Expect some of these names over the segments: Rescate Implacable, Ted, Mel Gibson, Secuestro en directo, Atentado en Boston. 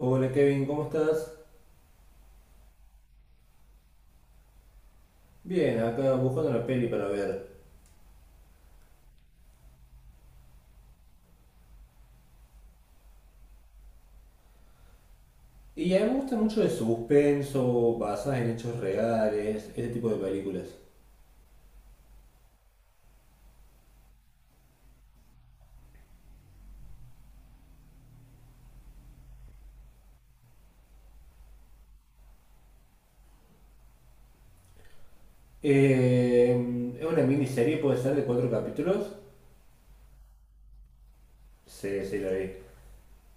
Hola Kevin, ¿cómo estás? Bien, acá buscando una peli para ver. Y a mí me gusta mucho de suspenso, basadas en hechos reales, ese tipo de películas. Es una miniserie, puede ser, de cuatro capítulos. Sí, sí, la vi.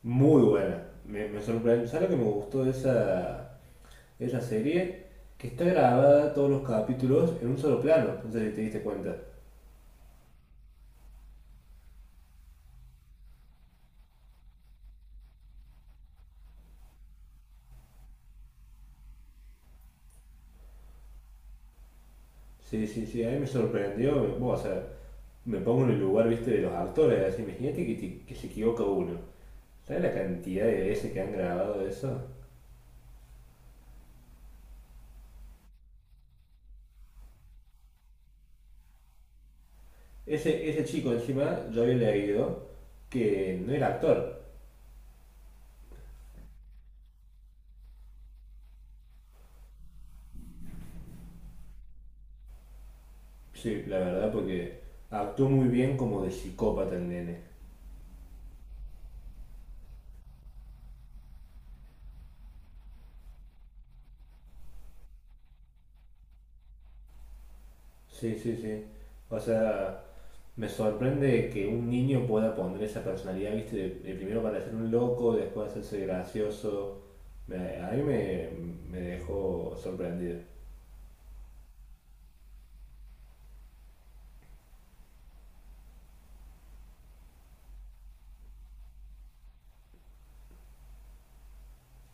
Muy buena. Me sorprendió. ¿Sabes lo que me gustó de esa serie? Que está grabada todos los capítulos en un solo plano. No sé si te diste cuenta. Sí, sí, sí, a mí me sorprendió, bueno, o sea, me pongo en el lugar, viste, de los actores, así, imagínate que que se equivoca uno. ¿Sabes la cantidad de veces que han grabado eso? Ese chico encima, yo había leído que no era actor. Sí, la verdad, porque actuó muy bien como de psicópata el nene. Sí, sí, sí. O sea, me sorprende que un niño pueda poner esa personalidad, ¿viste? De primero parecer un loco, después hacerse gracioso. A mí me dejó sorprendido.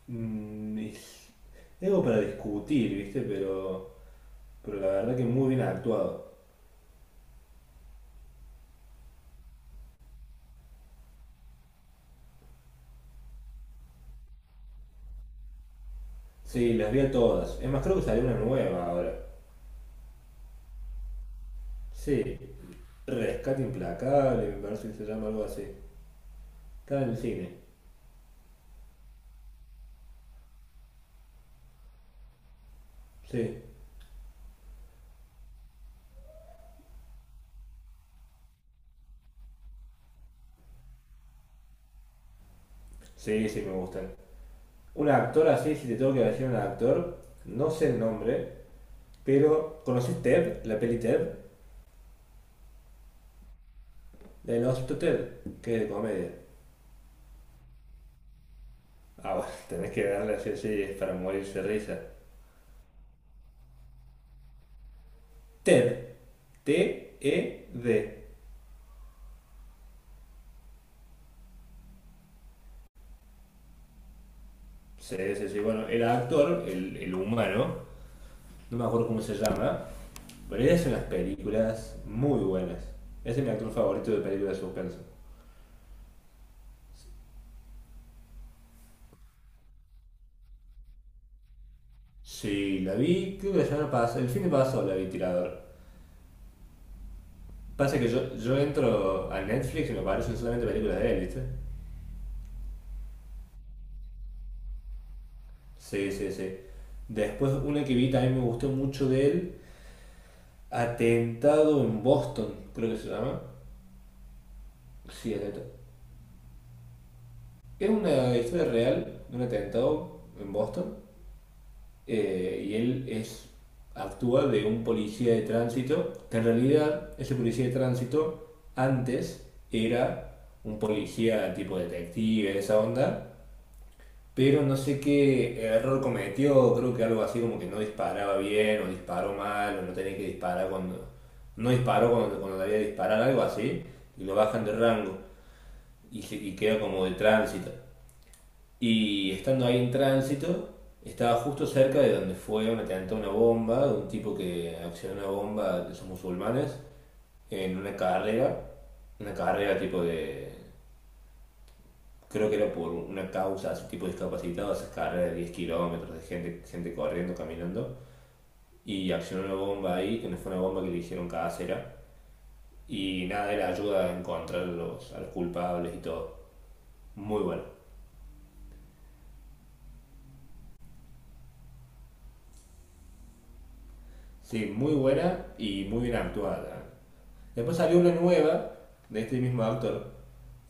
Es algo para discutir, ¿viste? pero la verdad que muy bien actuado. Sí, las vi a todas. Es más, creo que salió una nueva ahora. Sí, Rescate Implacable, me parece que se llama algo así. Está en el cine. Sí, sí, sí, me gustan. Un actor así, si te tengo que decir un actor, no sé el nombre. Pero, ¿conoces Ted? La peli Ted, la del Hospital Ted, que es de comedia. Ah, bueno, tenés que darle así, sí, es para morirse de risa. Ted, Ted. Sí, sí, sí, bueno, era actor, el humano, no me acuerdo cómo se llama, pero él hace unas películas muy buenas. Ese es mi actor favorito de películas de suspenso. Sí, la vi, creo que la semana pasada, el fin de pasado la vi tirador. Pasa que yo entro a Netflix y me aparecen solamente películas de él, ¿viste? Sí, sí, sí. Después una que vi también me gustó mucho de él. Atentado en Boston, creo que se llama. Sí, atentado. Es una historia real de un atentado en Boston, y él es actúa de un policía de tránsito, que en realidad ese policía de tránsito antes era un policía tipo detective, esa onda, pero no sé qué error cometió, creo que algo así como que no disparaba bien, o disparó mal, o no tenía que disparar cuando. No disparó cuando, cuando debía disparar, algo así, y lo bajan de rango, y, se- y queda como de tránsito. Y estando ahí en tránsito, estaba justo cerca de donde fue un atentado a una bomba, de un tipo que accionó una bomba de esos musulmanes, en una carrera tipo de, creo que era por una causa, su tipo de discapacitado, esas carreras de 10 kilómetros de gente, gente corriendo, caminando, y accionó una bomba ahí, que no fue una bomba que le dijeron casera, y nada, era ayuda a encontrar a los culpables y todo. Muy buena. Sí, muy buena y muy bien actuada. Después salió una nueva de este mismo actor.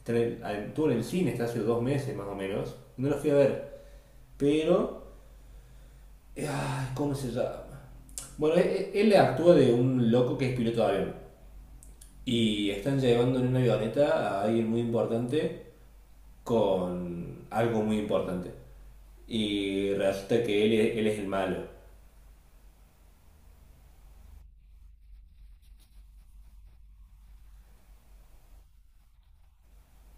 Estuvo en el cine hasta hace 2 meses más o menos. No la fui a ver. Pero ay, ¿cómo se llama? Bueno, él e- él actúa de un loco que es piloto de avión. Y están llevando en una avioneta a alguien muy importante con algo muy importante. Y resulta que él él es el malo.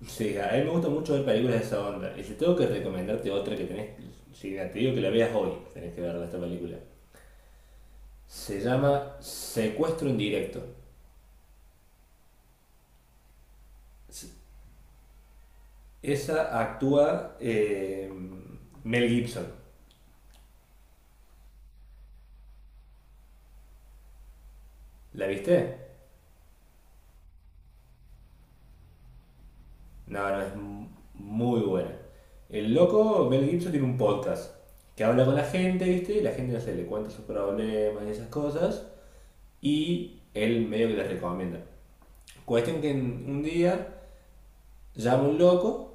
Sí, a mí me gusta mucho ver películas de esa onda. Y si tengo que recomendarte otra que tenés, si te digo que la veas hoy, tenés que verla esta película. Se llama Secuestro en directo. Esa actúa Mel Gibson. ¿La viste? No, no, es muy buena. El loco, Mel Gibson, tiene un podcast que habla con la gente, ¿viste? Y la gente, no sé, le cuenta sus problemas y esas cosas. Y él medio que les recomienda. Cuestión que un día llama un loco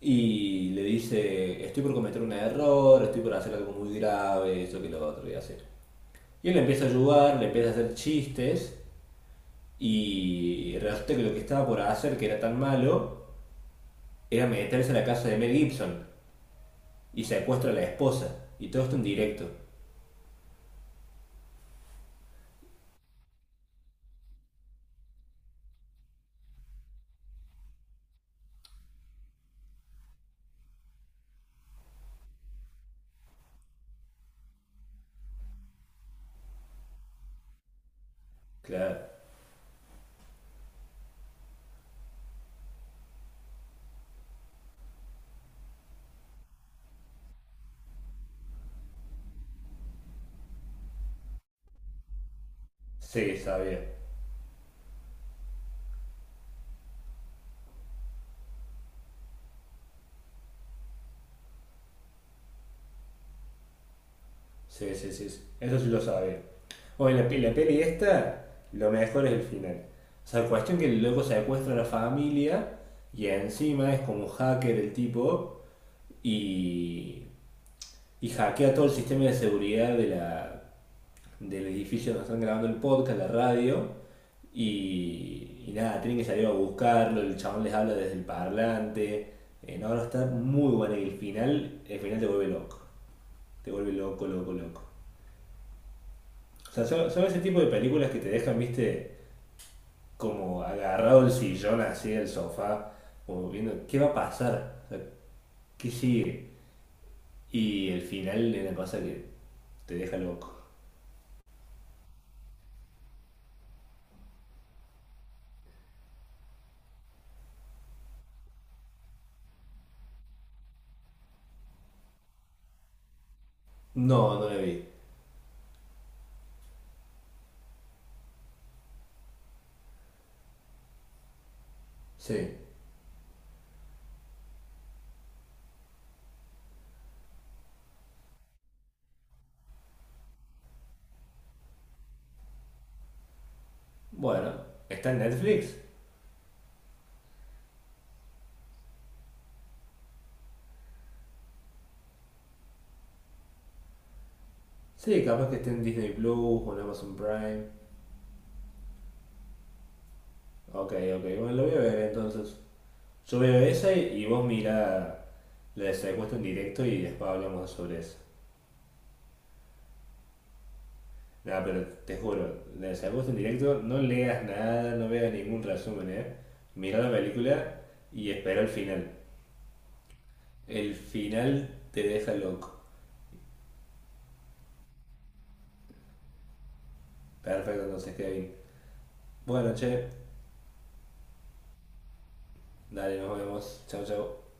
y le dice, estoy por cometer un error, estoy por hacer algo muy grave, esto que lo otro voy a hacer. Y él le empieza a ayudar, le empieza a hacer chistes y resulta que lo que estaba por hacer, que era tan malo, era meterse a la casa de Mel Gibson. Y secuestra a la esposa. Y todo esto en directo. Claro. Sí, sabía. Sí, sí, sí, sí. Eso sí lo sabía. Bueno, la peli esta, lo mejor es el final. O sea, cuestión que luego secuestra a la familia y encima es como hacker el tipo, y, y hackea todo el sistema de seguridad de del edificio donde están grabando el podcast, la radio, y nada, tienen que salir a buscarlo, el chabón les habla desde el parlante. No, no, está muy bueno y el final te vuelve loco, loco, loco. O sea, son, son ese tipo de películas que te dejan, viste, como agarrado el sillón así el sofá, como viendo qué va a pasar. O sea, qué sigue. Y el final es una cosa que te deja loco. No, no la vi. Sí. Bueno, está en Netflix. Sí, capaz que esté en Disney Plus o en Amazon Prime. Ok, ok, bueno, lo voy a ver entonces. Yo veo esa y vos mira la de Secuestro en directo y después hablamos sobre eso. Nada, pero te juro, la de Secuestro en directo, no leas nada, no veas ningún resumen, ¿eh? Mira la película y espera el final. El final te deja loco. Perfecto, entonces, Kevin. Buenas noches, dale, nos vemos. Chao, chao.